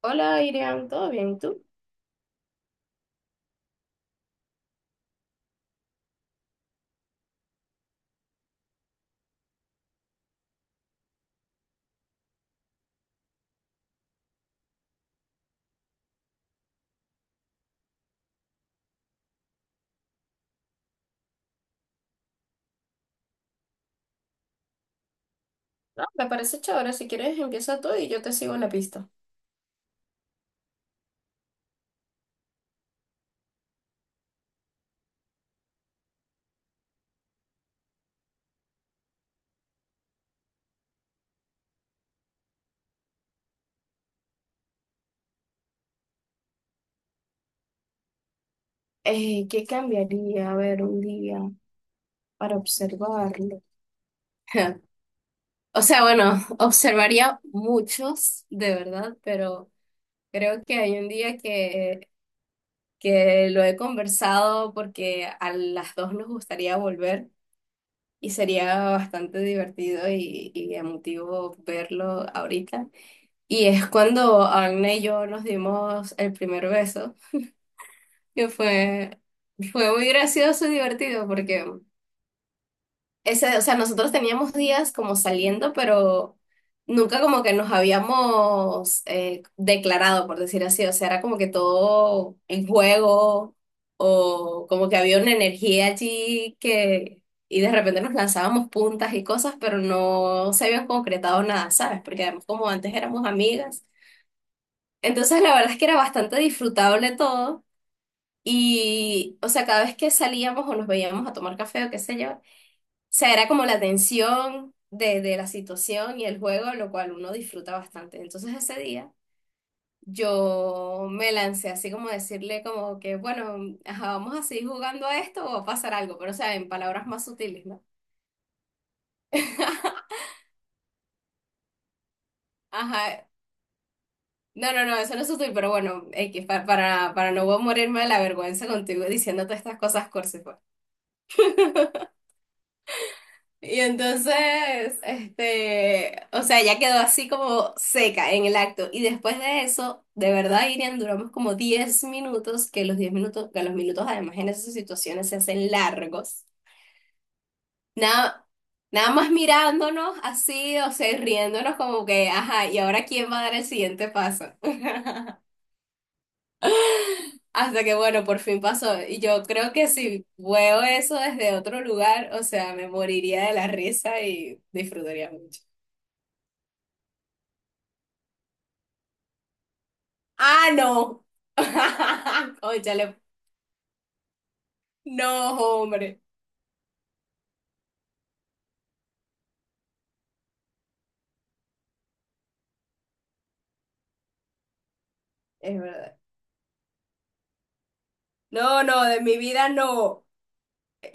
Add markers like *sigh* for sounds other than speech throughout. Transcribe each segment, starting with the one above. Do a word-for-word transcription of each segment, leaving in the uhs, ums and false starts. Hola, Irian, ¿todo bien? ¿Tú? No, me parece chévere. Si quieres, empieza tú y yo te sigo en la pista. Eh, ¿qué cambiaría? A ver, un día para observarlo. *laughs* O sea, bueno, *laughs* observaría muchos, de verdad, pero creo que hay un día que, que lo he conversado porque a las dos nos gustaría volver y sería bastante divertido y, y emotivo verlo ahorita. Y es cuando Agnes y yo nos dimos el primer beso. que fue, Fue muy gracioso y divertido porque ese, o sea, nosotros teníamos días como saliendo, pero nunca como que nos habíamos eh, declarado, por decir así, o sea, era como que todo en juego o como que había una energía allí que... Y de repente nos lanzábamos puntas y cosas, pero no se habían concretado nada, ¿sabes? Porque además como antes éramos amigas. Entonces la verdad es que era bastante disfrutable todo. Y, o sea, cada vez que salíamos o nos veíamos a tomar café o qué sé yo, o sea, era como la tensión de, de la situación y el juego, lo cual uno disfruta bastante. Entonces ese día yo me lancé así como a decirle como que, bueno, ajá, vamos a seguir jugando a esto o va a pasar algo, pero o sea, en palabras más sutiles, ¿no? Ajá. No, no, no, eso no es sutil, pero bueno, X, pa- para, para no morirme de la vergüenza contigo diciendo todas estas cosas cursi. Y entonces, este, o sea, ya quedó así como seca en el acto. Y después de eso, de verdad, Irian, duramos como diez minutos, que los diez minutos, que los minutos además en esas situaciones se hacen largos. Nada, nada más mirándonos así, o sea, riéndonos como que, ajá, ¿y ahora quién va a dar el siguiente paso? *laughs* Hasta que, bueno, por fin pasó. Y yo creo que si veo eso desde otro lugar, o sea, me moriría de la risa y disfrutaría mucho. Ah, no. *laughs* Cónchale. No, hombre. Es verdad. No, no, de mi vida no.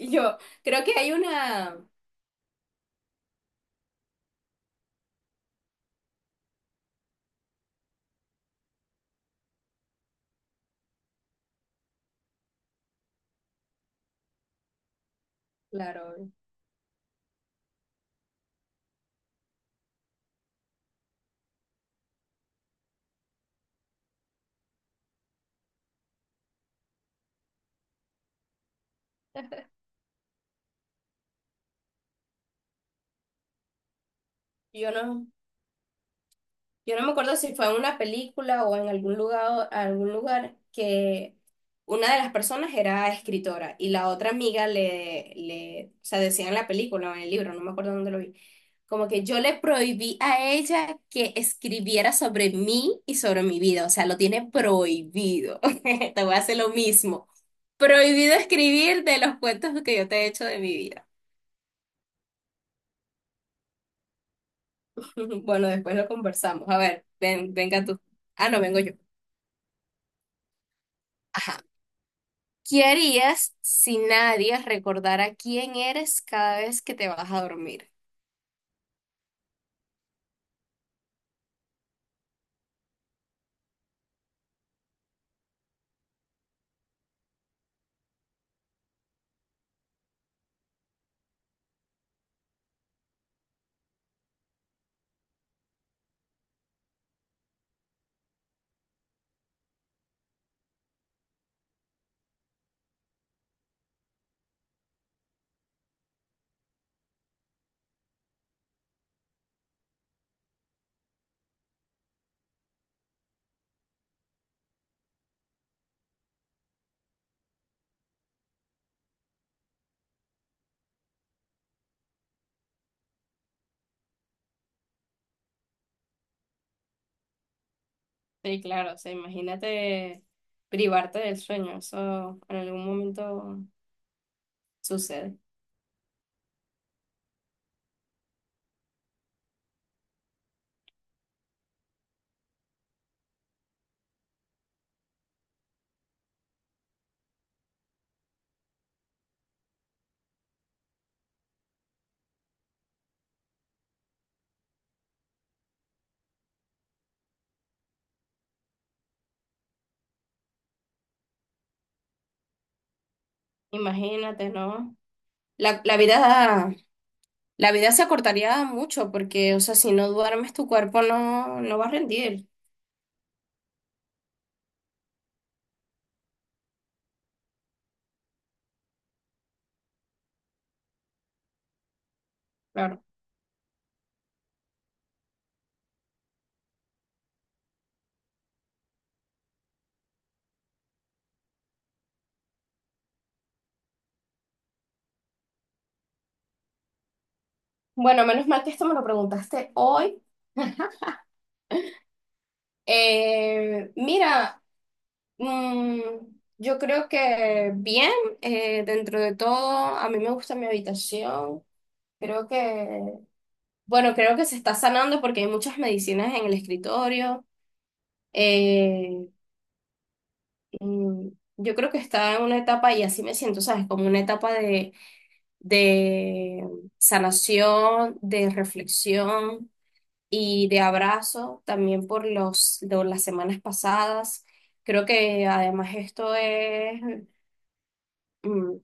Yo creo que hay una. Claro. Yo no. Yo no me acuerdo si fue en una película o en algún lugar, algún lugar que una de las personas era escritora y la otra amiga le, le, o sea, decía en la película o en el libro, no me acuerdo dónde lo vi, como que yo le prohibí a ella que escribiera sobre mí y sobre mi vida, o sea, lo tiene prohibido. *laughs* Te voy a hacer lo mismo. Prohibido escribir de los cuentos que yo te he hecho de mi vida. *laughs* Bueno, después lo conversamos. A ver, ven, venga tú. Ah, no, vengo yo. Ajá. ¿Qué harías si nadie recordara quién eres cada vez que te vas a dormir? Sí, claro, o sea, imagínate privarte del sueño, eso en algún momento sucede. Imagínate, ¿no? La, la vida, la vida se acortaría mucho porque, o sea, si no duermes, tu cuerpo no, no va a rendir, claro. Bueno, menos mal que esto me lo preguntaste hoy. *laughs* Eh, mira, Mm, yo creo que bien, eh, dentro de todo, a mí me gusta mi habitación. Creo que, bueno, creo que se está sanando porque hay muchas medicinas en el escritorio. Eh, mm, yo creo que está en una etapa, y así me siento, ¿sabes? Como una etapa de, de sanación, de reflexión y de abrazo también por los, de las semanas pasadas. Creo que además esto es... mm,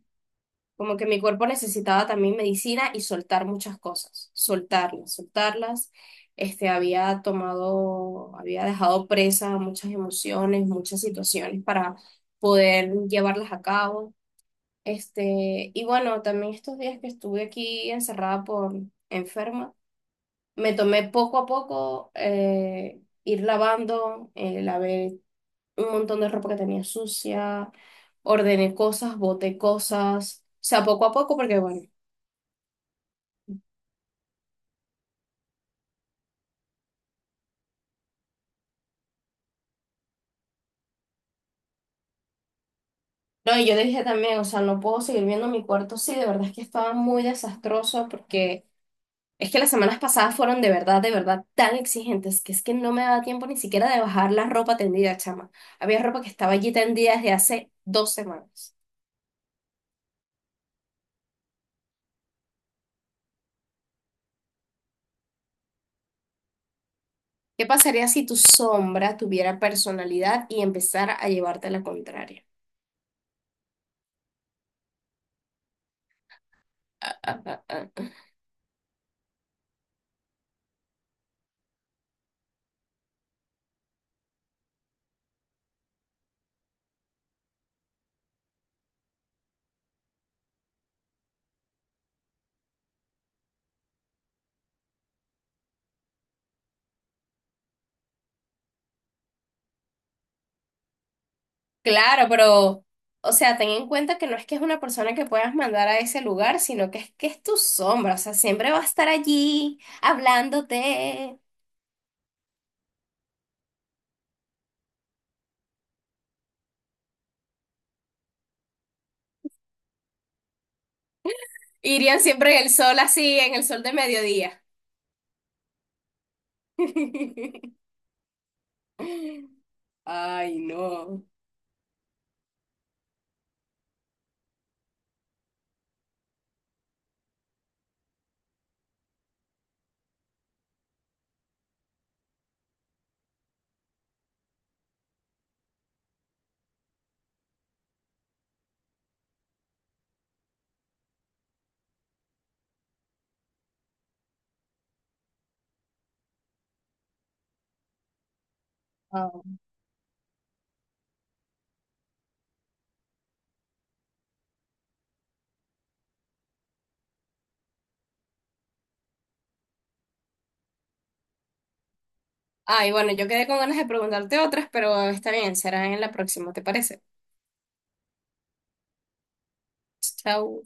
como que mi cuerpo necesitaba también medicina y soltar muchas cosas, soltarlas, soltarlas. Este, había tomado, había dejado presa muchas emociones, muchas situaciones para poder llevarlas a cabo. Este, y bueno, también estos días que estuve aquí encerrada por enferma, me tomé poco a poco eh, ir lavando, eh, lavé un montón de ropa que tenía sucia, ordené cosas, boté cosas, o sea, poco a poco, porque bueno. No, y yo dije también, o sea, no puedo seguir viendo mi cuarto. Sí, de verdad es que estaba muy desastroso porque es que las semanas pasadas fueron de verdad, de verdad tan exigentes que es que no me daba tiempo ni siquiera de bajar la ropa tendida, chama. Había ropa que estaba allí tendida desde hace dos semanas. ¿Qué pasaría si tu sombra tuviera personalidad y empezara a llevarte la contraria? *laughs* Claro, pero, o sea, ten en cuenta que no es que es una persona que puedas mandar a ese lugar, sino que es que es tu sombra, o sea, siempre va a estar allí hablándote. Irían siempre en el sol así, en el sol de mediodía. *laughs* Ay, no. Ah. Ay, bueno, yo quedé con ganas de preguntarte otras, pero está bien, será en la próxima, ¿te parece? Chao.